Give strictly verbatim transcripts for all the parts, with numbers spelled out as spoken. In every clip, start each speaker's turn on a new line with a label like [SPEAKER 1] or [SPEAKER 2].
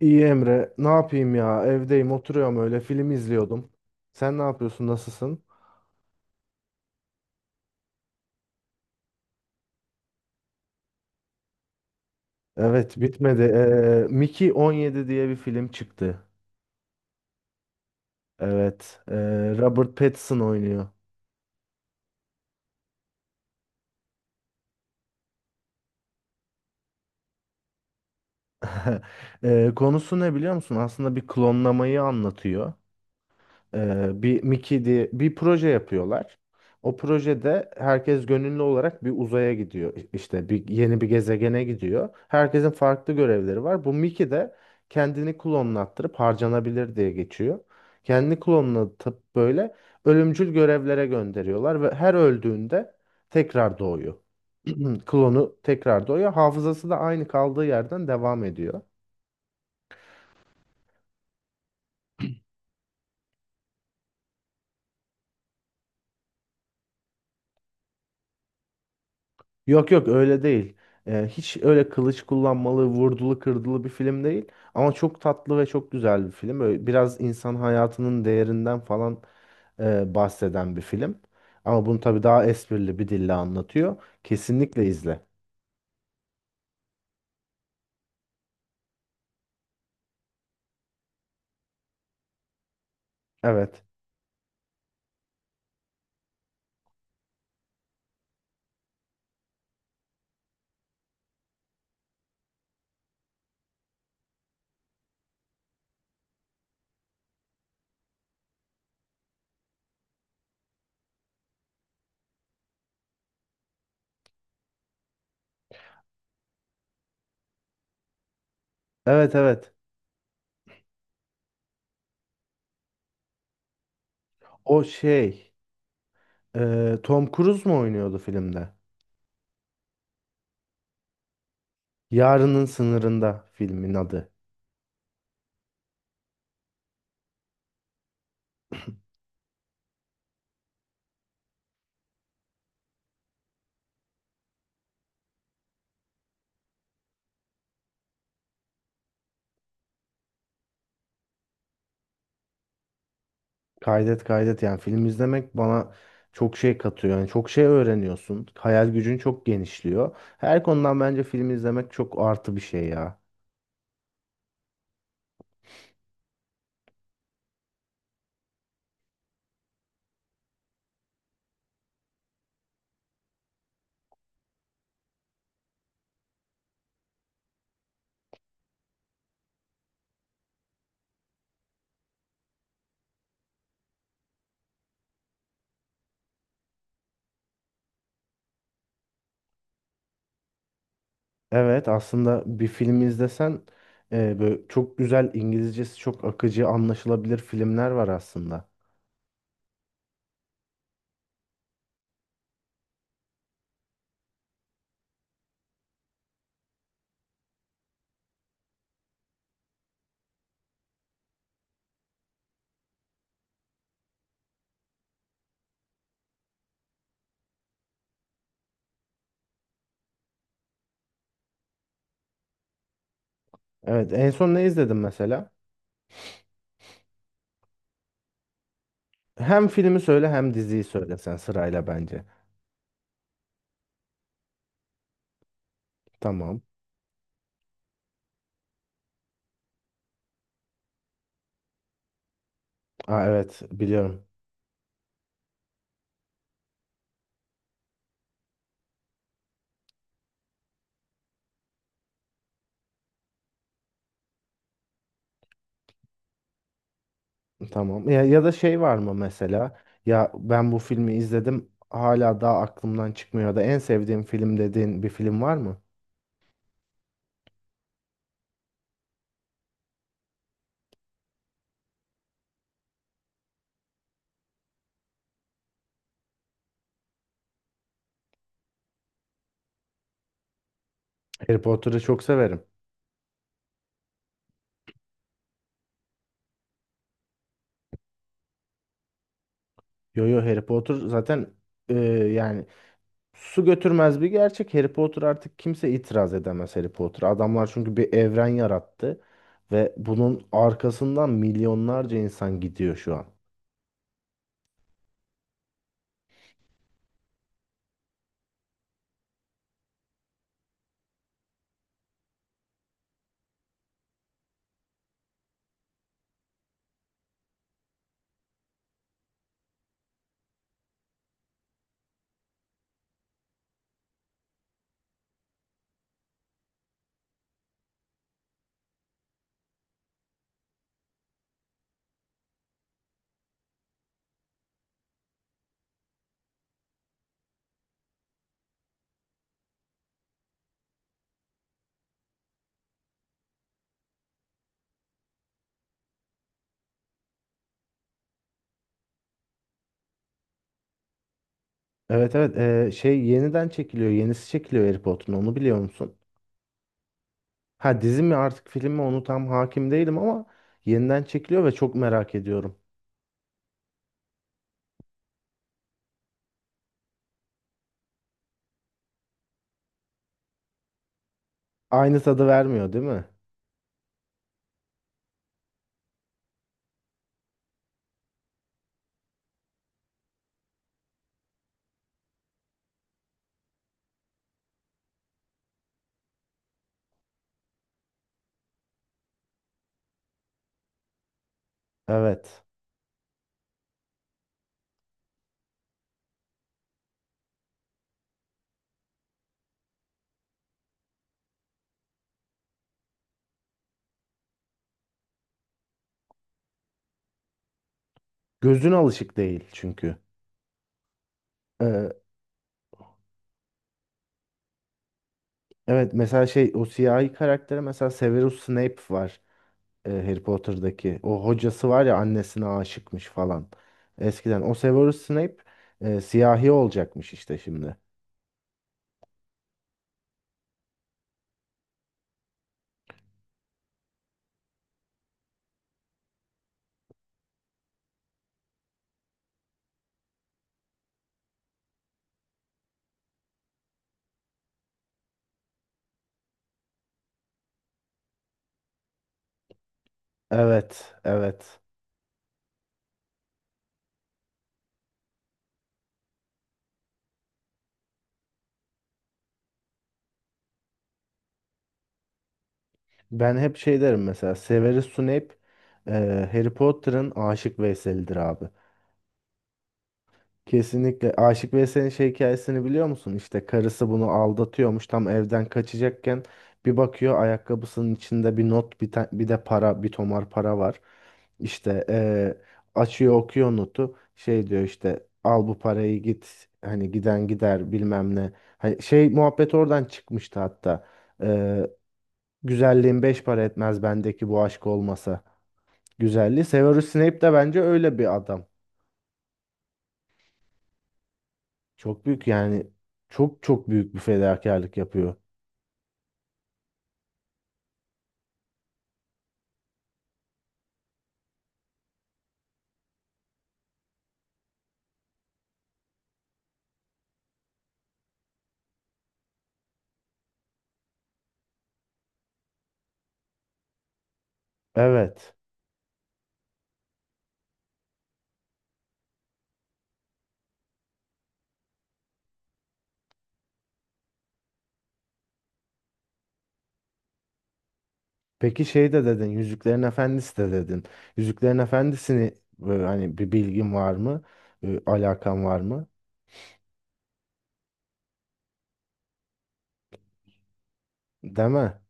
[SPEAKER 1] İyi Emre, ne yapayım ya? Evdeyim, oturuyorum öyle film izliyordum. Sen ne yapıyorsun? Nasılsın? Evet, bitmedi. Ee, Mickey on yedi diye bir film çıktı. Evet, ee, Robert Pattinson oynuyor. Ee, konusu ne biliyor musun? Aslında bir klonlamayı anlatıyor. Ee, bir Mickey diye bir proje yapıyorlar. O projede herkes gönüllü olarak bir uzaya gidiyor. İ- İşte bir yeni bir gezegene gidiyor. Herkesin farklı görevleri var. Bu Mickey de kendini klonlattırıp harcanabilir diye geçiyor. Kendini klonlatıp böyle ölümcül görevlere gönderiyorlar ve her öldüğünde tekrar doğuyor. Klonu tekrar doğuyor. Hafızası da aynı kaldığı yerden devam ediyor. Yok yok öyle değil. Ee, hiç öyle kılıç kullanmalı, vurdulu kırdılı bir film değil. Ama çok tatlı ve çok güzel bir film. Öyle biraz insan hayatının değerinden falan e, bahseden bir film. Ama bunu tabii daha esprili bir dille anlatıyor. Kesinlikle izle. Evet. Evet, evet. O şey, e, Tom Cruise mu oynuyordu filmde? Yarının Sınırında filmin adı. Kaydet, kaydet yani film izlemek bana çok şey katıyor. Yani çok şey öğreniyorsun. Hayal gücün çok genişliyor. Her konudan bence film izlemek çok artı bir şey ya. Evet, aslında bir film izlesen e, böyle çok güzel İngilizcesi çok akıcı anlaşılabilir filmler var aslında. Evet, en son ne izledin mesela? Hem filmi söyle hem diziyi söyle sen sırayla bence. Tamam. Aa, evet biliyorum. Tamam. Ya, ya da şey var mı mesela? Ya, ben bu filmi izledim hala daha aklımdan çıkmıyor ya da en sevdiğim film dediğin bir film var mı? Harry Potter'ı çok severim. Yo yo Harry Potter zaten e, yani su götürmez bir gerçek. Harry Potter artık kimse itiraz edemez Harry Potter. Adamlar çünkü bir evren yarattı ve bunun arkasından milyonlarca insan gidiyor şu an. Evet, evet, e, şey yeniden çekiliyor. Yenisi çekiliyor Harry Potter'ın, onu biliyor musun? Ha, dizi mi artık film mi onu tam hakim değilim ama yeniden çekiliyor ve çok merak ediyorum. Aynı tadı vermiyor değil mi? Evet. Gözün alışık değil çünkü. Ee, evet mesela şey o siyahi karaktere mesela Severus Snape var, e, Harry Potter'daki. O hocası var ya, annesine aşıkmış falan. Eskiden o Severus Snape e, siyahi olacakmış işte şimdi. Evet, evet. Ben hep şey derim mesela Severus Snape, e, Harry Potter'ın Aşık Veysel'idir abi. Kesinlikle Aşık Veysel'in şey hikayesini biliyor musun? İşte karısı bunu aldatıyormuş, tam evden kaçacakken bir bakıyor ayakkabısının içinde bir not, bir, ta- bir de para, bir tomar para var. İşte eee, açıyor okuyor notu, şey diyor işte al bu parayı git hani giden gider bilmem ne. Hani şey muhabbet oradan çıkmıştı hatta. Güzelliğin beş para etmez bendeki bu aşk olmasa. Güzelliği. Severus Snape de bence öyle bir adam. Çok büyük yani, çok çok büyük bir fedakarlık yapıyor. Evet. Peki şey de dedin, Yüzüklerin Efendisi de dedin. Yüzüklerin Efendisi'ni e, hani bir bilgin var mı? E, alakan var mı? Deme.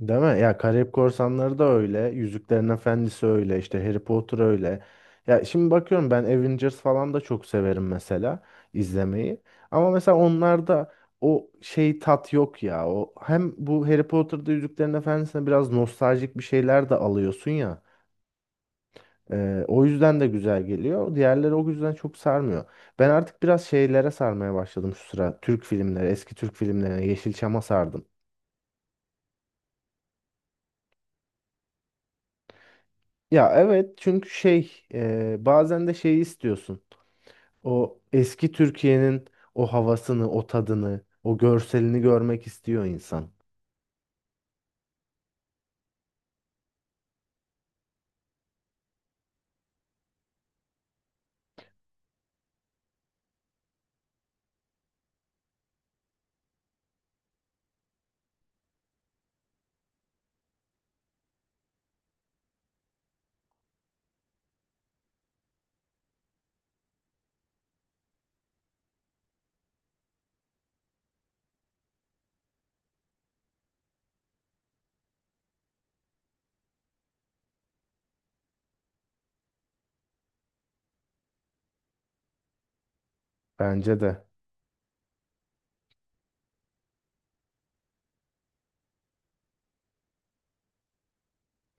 [SPEAKER 1] Değil mi? Ya Karayip Korsanları da öyle. Yüzüklerin Efendisi öyle, işte Harry Potter öyle. Ya şimdi bakıyorum ben Avengers falan da çok severim mesela izlemeyi. Ama mesela onlarda o şey tat yok ya. O hem bu Harry Potter'da Yüzüklerin Efendisi'ne biraz nostaljik bir şeyler de alıyorsun ya. Ee, o yüzden de güzel geliyor. Diğerleri o yüzden çok sarmıyor. Ben artık biraz şeylere sarmaya başladım şu sıra. Türk filmleri, eski Türk filmlerine, Yeşilçam'a sardım. Ya evet, çünkü şey, e, bazen de şeyi istiyorsun. O eski Türkiye'nin o havasını, o tadını, o görselini görmek istiyor insan. Bence de.